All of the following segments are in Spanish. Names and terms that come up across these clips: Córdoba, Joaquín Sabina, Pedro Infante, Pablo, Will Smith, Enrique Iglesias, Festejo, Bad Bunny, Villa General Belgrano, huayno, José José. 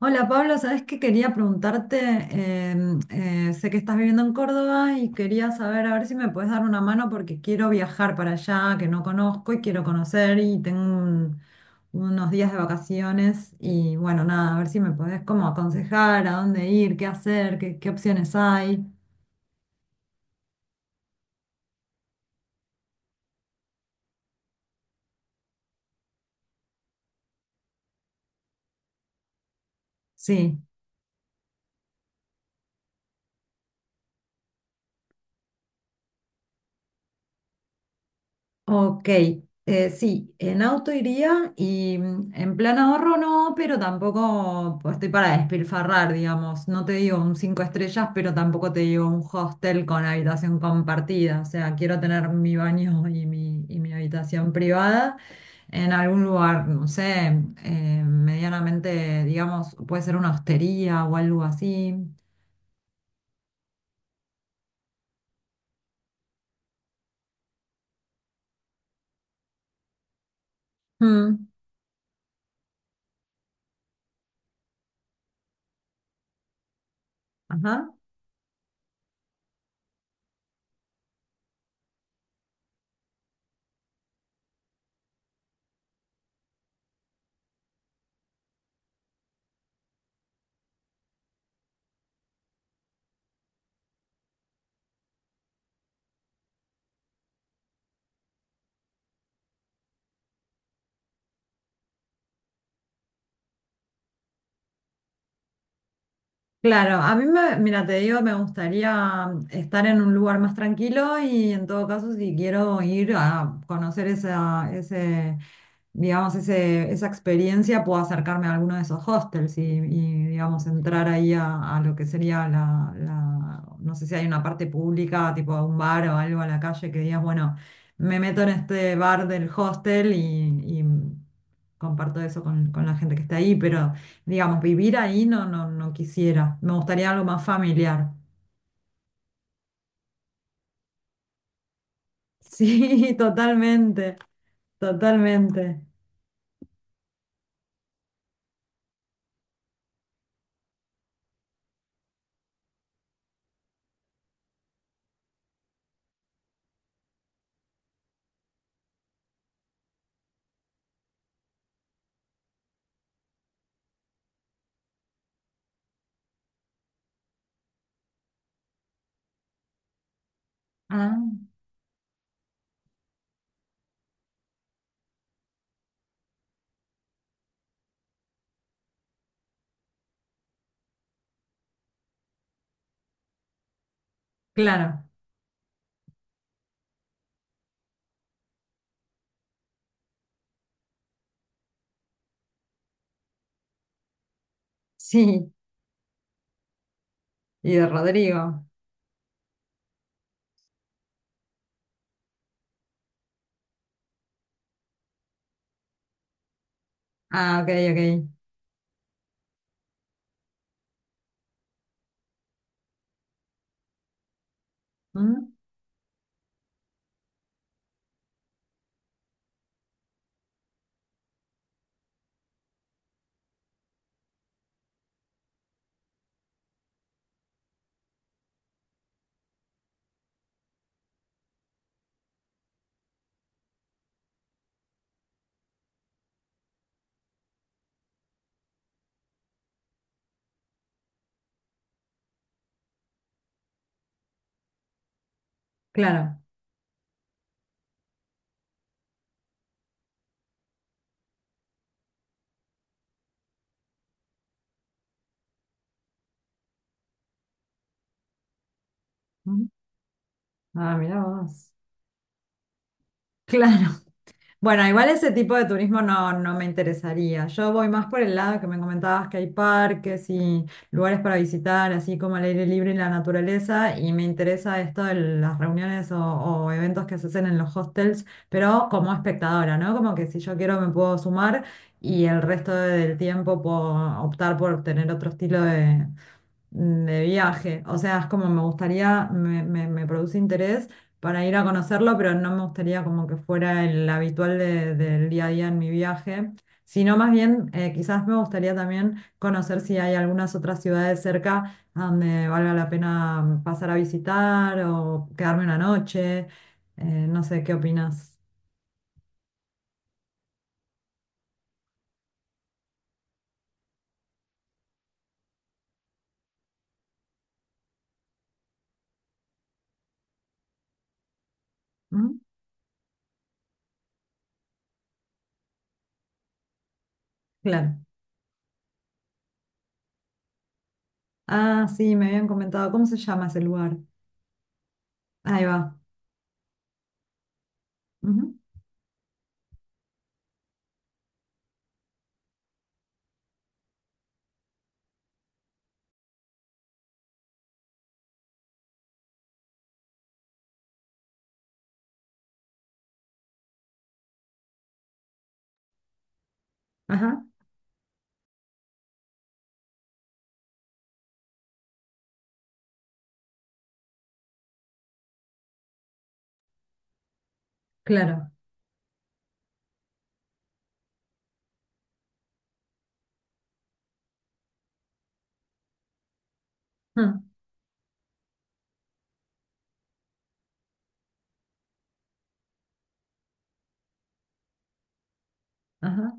Hola Pablo, sabes que quería preguntarte, sé que estás viviendo en Córdoba y quería saber a ver si me puedes dar una mano porque quiero viajar para allá, que no conozco y quiero conocer y tengo unos días de vacaciones y bueno, nada, a ver si me podés como aconsejar a dónde ir, qué hacer, qué opciones hay. Sí. Ok, sí, en auto iría y en plan ahorro no, pero tampoco pues, estoy para despilfarrar, digamos. No te digo un cinco estrellas, pero tampoco te digo un hostel con habitación compartida. O sea, quiero tener mi baño y mi habitación privada en algún lugar, no sé, medianamente, digamos, puede ser una hostería o algo así. Mm. Ajá. Claro, mira, te digo, me gustaría estar en un lugar más tranquilo y en todo caso, si quiero ir a conocer digamos, esa experiencia, puedo acercarme a alguno de esos hostels digamos, entrar ahí a lo que sería no sé si hay una parte pública, tipo a un bar o algo a la calle que digas, bueno, me meto en este bar del hostel , y comparto eso con la gente que está ahí, pero... Digamos, vivir ahí no quisiera. Me gustaría algo más familiar. Sí, totalmente, totalmente. Ah, claro, sí. Y de Rodrigo. Ah, ok, ok. Mm. Claro. Mm. Ah, mira vos. Claro. Bueno, igual ese tipo de turismo no me interesaría. Yo voy más por el lado que me comentabas que hay parques y lugares para visitar, así como el aire libre y la naturaleza, y me interesa esto de las reuniones o eventos que se hacen en los hostels, pero como espectadora, ¿no? Como que si yo quiero me puedo sumar y el resto del tiempo puedo optar por tener otro estilo de viaje. O sea, es como me gustaría, me produce interés para ir a conocerlo, pero no me gustaría como que fuera el habitual del día a día en mi viaje, sino más bien quizás me gustaría también conocer si hay algunas otras ciudades cerca a donde valga la pena pasar a visitar o quedarme una noche. No sé, ¿qué opinas? ¿Mm? Claro. Ah, sí, me habían comentado. ¿Cómo se llama ese lugar? Ahí va. Ujú. Ajá, claro. Mm. Ajá.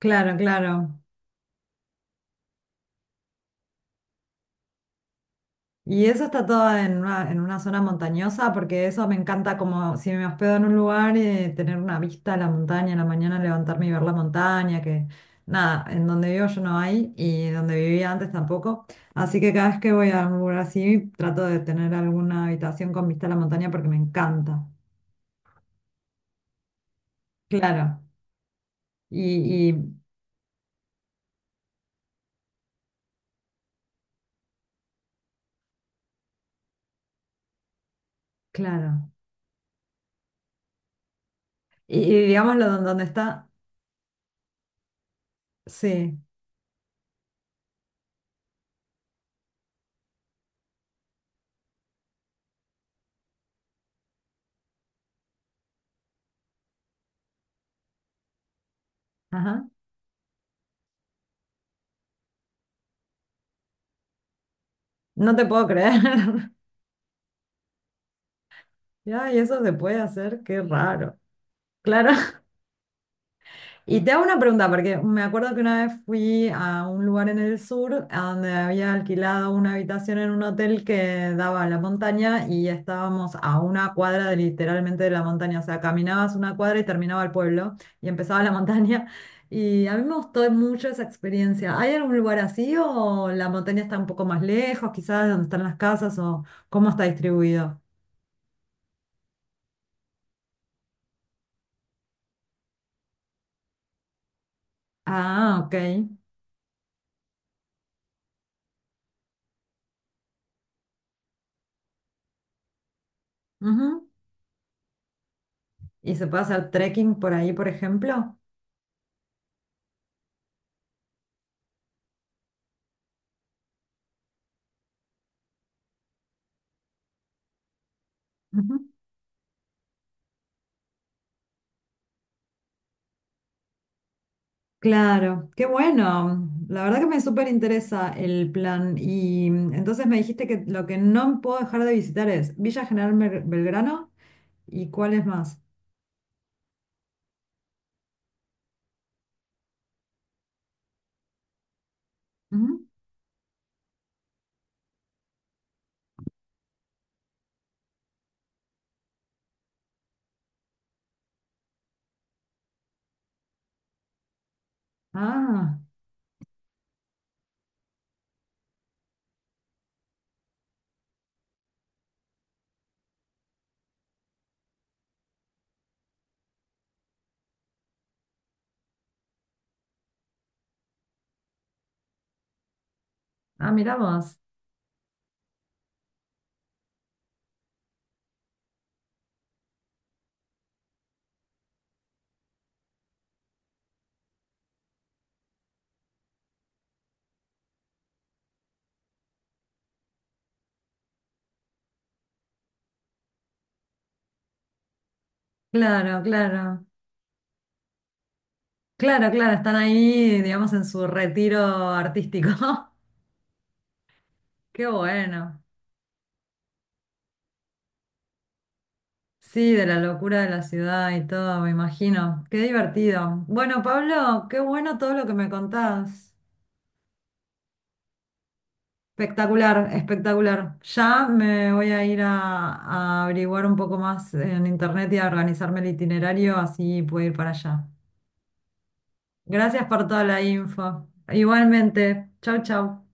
Claro, claro. Y eso está todo en una zona montañosa, porque eso me encanta como si me hospedo en un lugar y tener una vista a la montaña, en la mañana levantarme y ver la montaña, que nada, en donde vivo yo no hay y donde vivía antes tampoco. Así que cada vez que voy a un lugar así, trato de tener alguna habitación con vista a la montaña porque me encanta. Claro. Y, y claro. Digámoslo donde está, sí. Ajá. No te puedo creer. Ya, y eso se puede hacer, qué raro. Claro. Y te hago una pregunta, porque me acuerdo que una vez fui a un lugar en el sur a donde había alquilado una habitación en un hotel que daba a la montaña y estábamos a una cuadra de, literalmente de la montaña. O sea, caminabas una cuadra y terminaba el pueblo y empezaba la montaña. Y a mí me gustó mucho esa experiencia. ¿Hay algún lugar así o la montaña está un poco más lejos, quizás de donde están las casas o cómo está distribuido? Ah, ok. Ujú. ¿Y se puede hacer trekking por ahí, por ejemplo? Ujú. Claro, qué bueno. La verdad que me súper interesa el plan. Y entonces me dijiste que lo que no puedo dejar de visitar es Villa General Belgrano y cuál es más. Ujú. Ah, ah, mirá vos. Claro, claro. Claro, claro, están ahí, digamos, en su retiro artístico. Qué bueno. Sí, de la locura de la ciudad y todo, me imagino. Qué divertido. Bueno, Pablo, qué bueno todo lo que me contás. Espectacular, espectacular. Ya me voy a ir a averiguar un poco más en internet y a organizarme el itinerario, así puedo ir para allá. Gracias por toda la info. Igualmente, chau, chau.